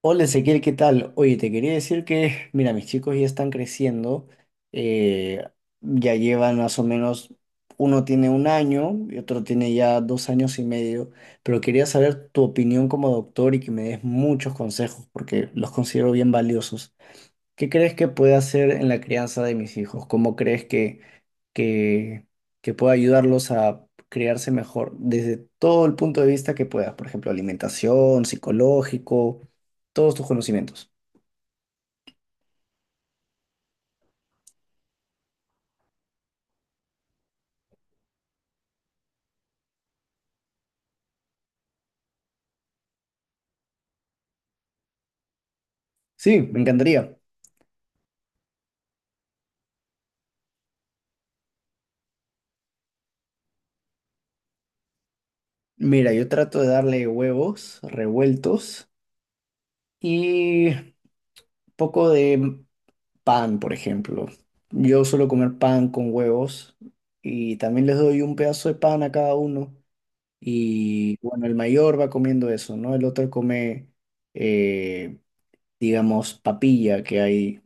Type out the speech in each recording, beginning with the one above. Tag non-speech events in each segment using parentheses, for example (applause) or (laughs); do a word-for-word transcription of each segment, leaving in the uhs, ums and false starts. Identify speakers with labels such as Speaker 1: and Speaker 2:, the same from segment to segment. Speaker 1: Hola Ezequiel, ¿qué tal? Oye, te quería decir que, mira, mis chicos ya están creciendo, eh, ya llevan más o menos, uno tiene un año y otro tiene ya dos años y medio, pero quería saber tu opinión como doctor y que me des muchos consejos porque los considero bien valiosos. ¿Qué crees que puede hacer en la crianza de mis hijos? ¿Cómo crees que que, que pueda ayudarlos a crearse mejor desde todo el punto de vista que puedas, por ejemplo, alimentación, psicológico, todos tus conocimientos. Sí, me encantaría. Mira, yo trato de darle huevos revueltos y poco de pan, por ejemplo. Yo suelo comer pan con huevos y también les doy un pedazo de pan a cada uno. Y bueno, el mayor va comiendo eso, ¿no? El otro come eh, digamos, papilla que hay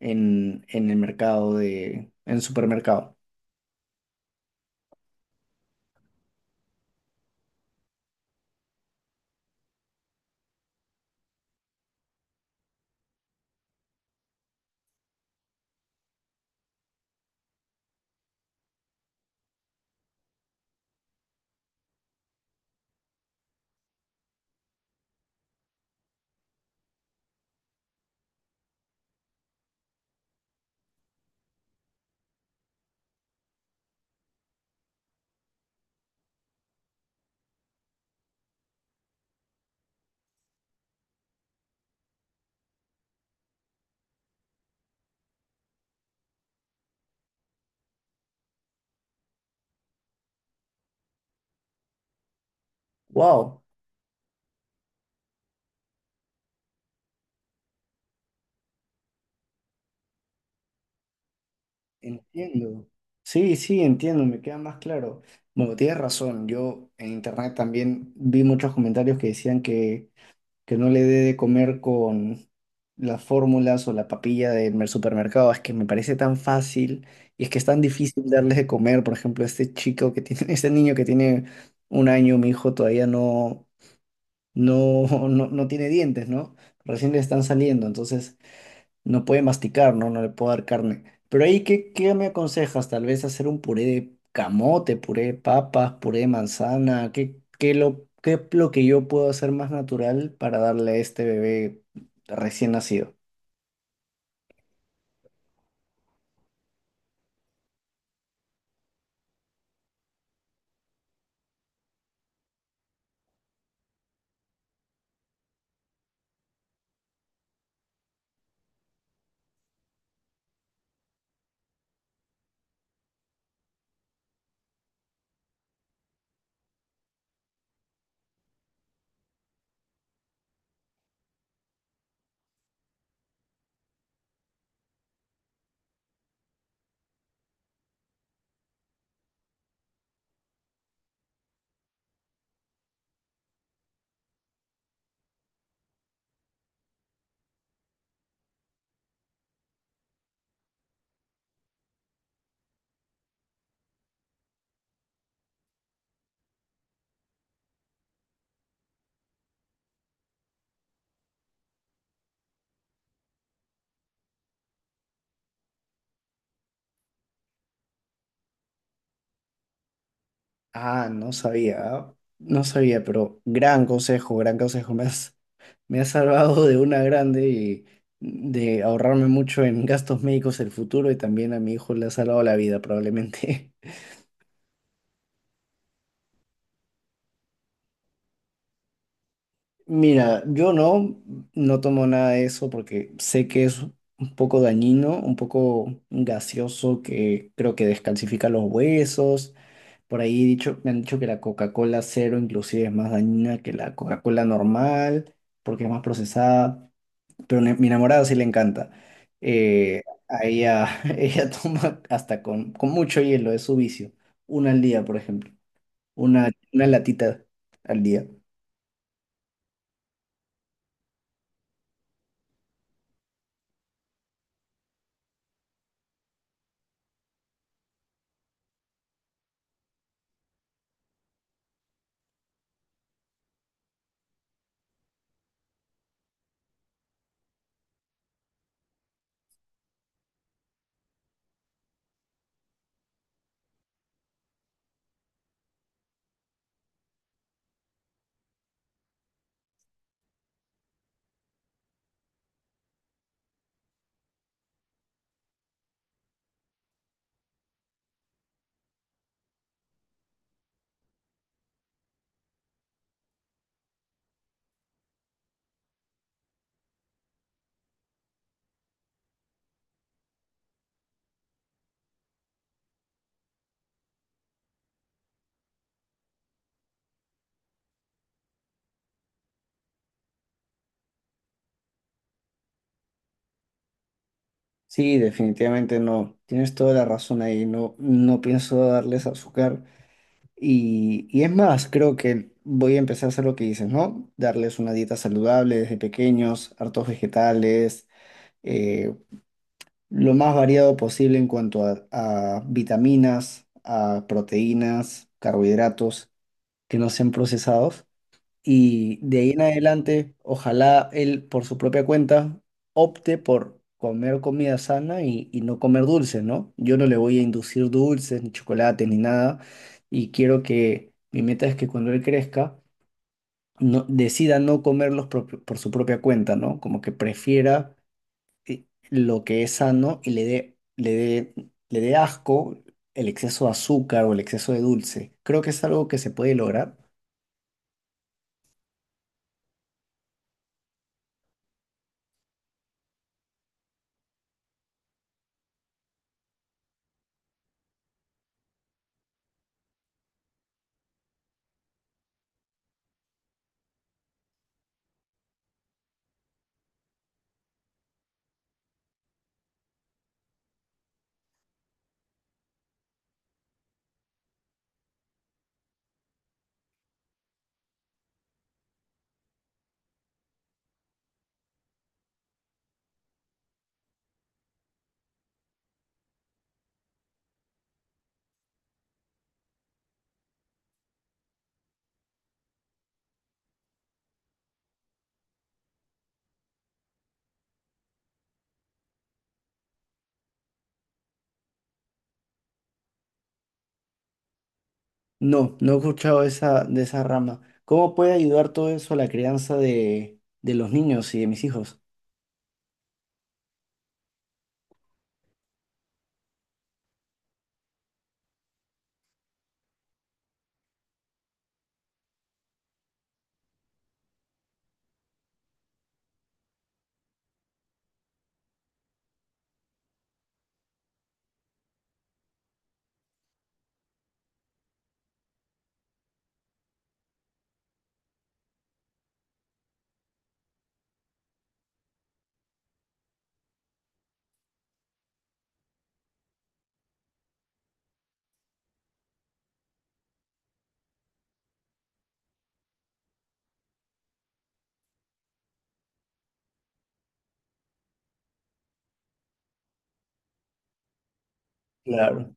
Speaker 1: en, en el mercado de, en supermercado. Wow, entiendo. Sí, sí, entiendo, me queda más claro. Bueno, tienes razón, yo en internet también vi muchos comentarios que decían que, que no le dé de comer con las fórmulas o la papilla del mer- supermercado, es que me parece tan fácil y es que es tan difícil darles de comer, por ejemplo, este chico que tiene, (laughs) este niño que tiene un año, mi hijo todavía no no, (laughs) no, no tiene dientes, ¿no? Recién le están saliendo, entonces no puede masticar, ¿no? No le puedo dar carne. Pero ahí, ¿qué, qué me aconsejas? Tal vez hacer un puré de camote, puré de papas, puré de manzana. ¿Qué, qué lo, qué es lo que yo puedo hacer más natural para darle a este bebé recién nacido? Ah, no sabía, ah, no sabía, pero gran consejo, gran consejo. (laughs) más Me ha salvado de una grande y de ahorrarme mucho en gastos médicos el futuro y también a mi hijo le ha salvado la vida probablemente. (laughs) Mira, yo no, no tomo nada de eso porque sé que es un poco dañino, un poco gaseoso que creo que descalcifica los huesos. Por ahí dicho, me han dicho que la Coca-Cola cero inclusive es más dañina que la Coca-Cola normal porque es más procesada. Pero ne- mi enamorada sí le encanta. Eh, a ella, (laughs) ella toma hasta con, con mucho hielo, es su vicio. Una al día, por ejemplo. Una, una latita al día. Sí, definitivamente no. Tienes toda la razón ahí. No, no pienso darles azúcar. Y, y es más, creo que voy a empezar a hacer lo que dices, ¿no? Darles una dieta saludable desde pequeños, hartos vegetales, eh, lo más variado posible en cuanto a, a vitaminas, a proteínas, carbohidratos que no sean procesados. Y de ahí en adelante, ojalá él por su propia cuenta opte por comer comida sana y, y no comer dulces, ¿no? Yo no le voy a inducir dulces, ni chocolates, ni nada. Y quiero que mi meta es que cuando él crezca, no, decida no comerlos por por su propia cuenta, ¿no? Como que prefiera eh, lo que es sano y le dé, le dé, le dé asco el exceso de azúcar o el exceso de dulce. Creo que es algo que se puede lograr. No, no he escuchado esa, de esa rama. ¿Cómo puede ayudar todo eso a la crianza de, de los niños y de mis hijos? Claro,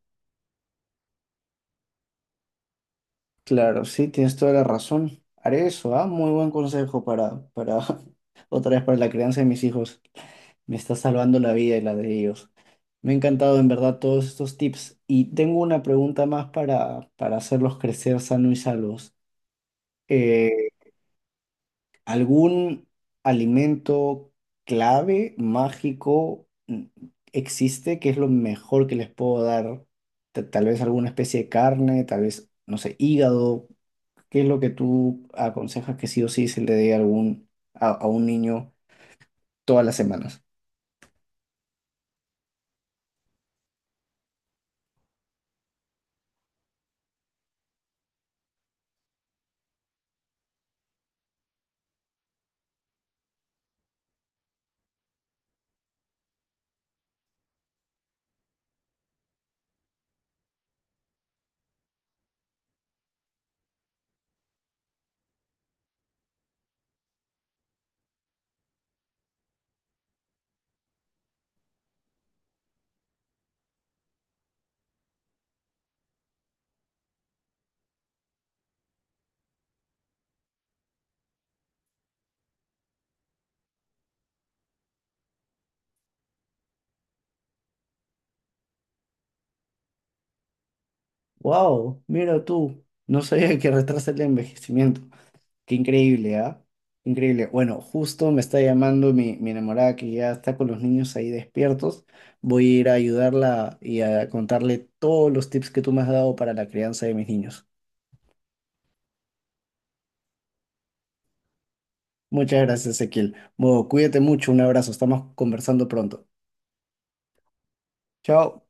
Speaker 1: claro, sí, tienes toda la razón. Haré eso, ¿ah? Muy buen consejo para, para (laughs) otra vez para la crianza de mis hijos. Me está salvando la vida y la de ellos. Me ha encantado en verdad todos estos tips. Y tengo una pregunta más para, para hacerlos crecer sanos y salvos. Eh, ¿Algún alimento clave, mágico, mm, existe que es lo mejor que les puedo dar? Ta- Tal vez alguna especie de carne, tal vez, no sé, hígado. ¿Qué es lo que tú aconsejas que sí o sí se le dé a algún, a a un niño todas las semanas? Wow, mira tú, no sabía que retrasa el envejecimiento. Qué increíble, ¿ah? Increíble. Bueno, justo me está llamando mi, mi enamorada que ya está con los niños ahí despiertos. Voy a ir a ayudarla y a contarle todos los tips que tú me has dado para la crianza de mis niños. Muchas gracias, Ezequiel. Bueno, cuídate mucho, un abrazo, estamos conversando pronto. Chao.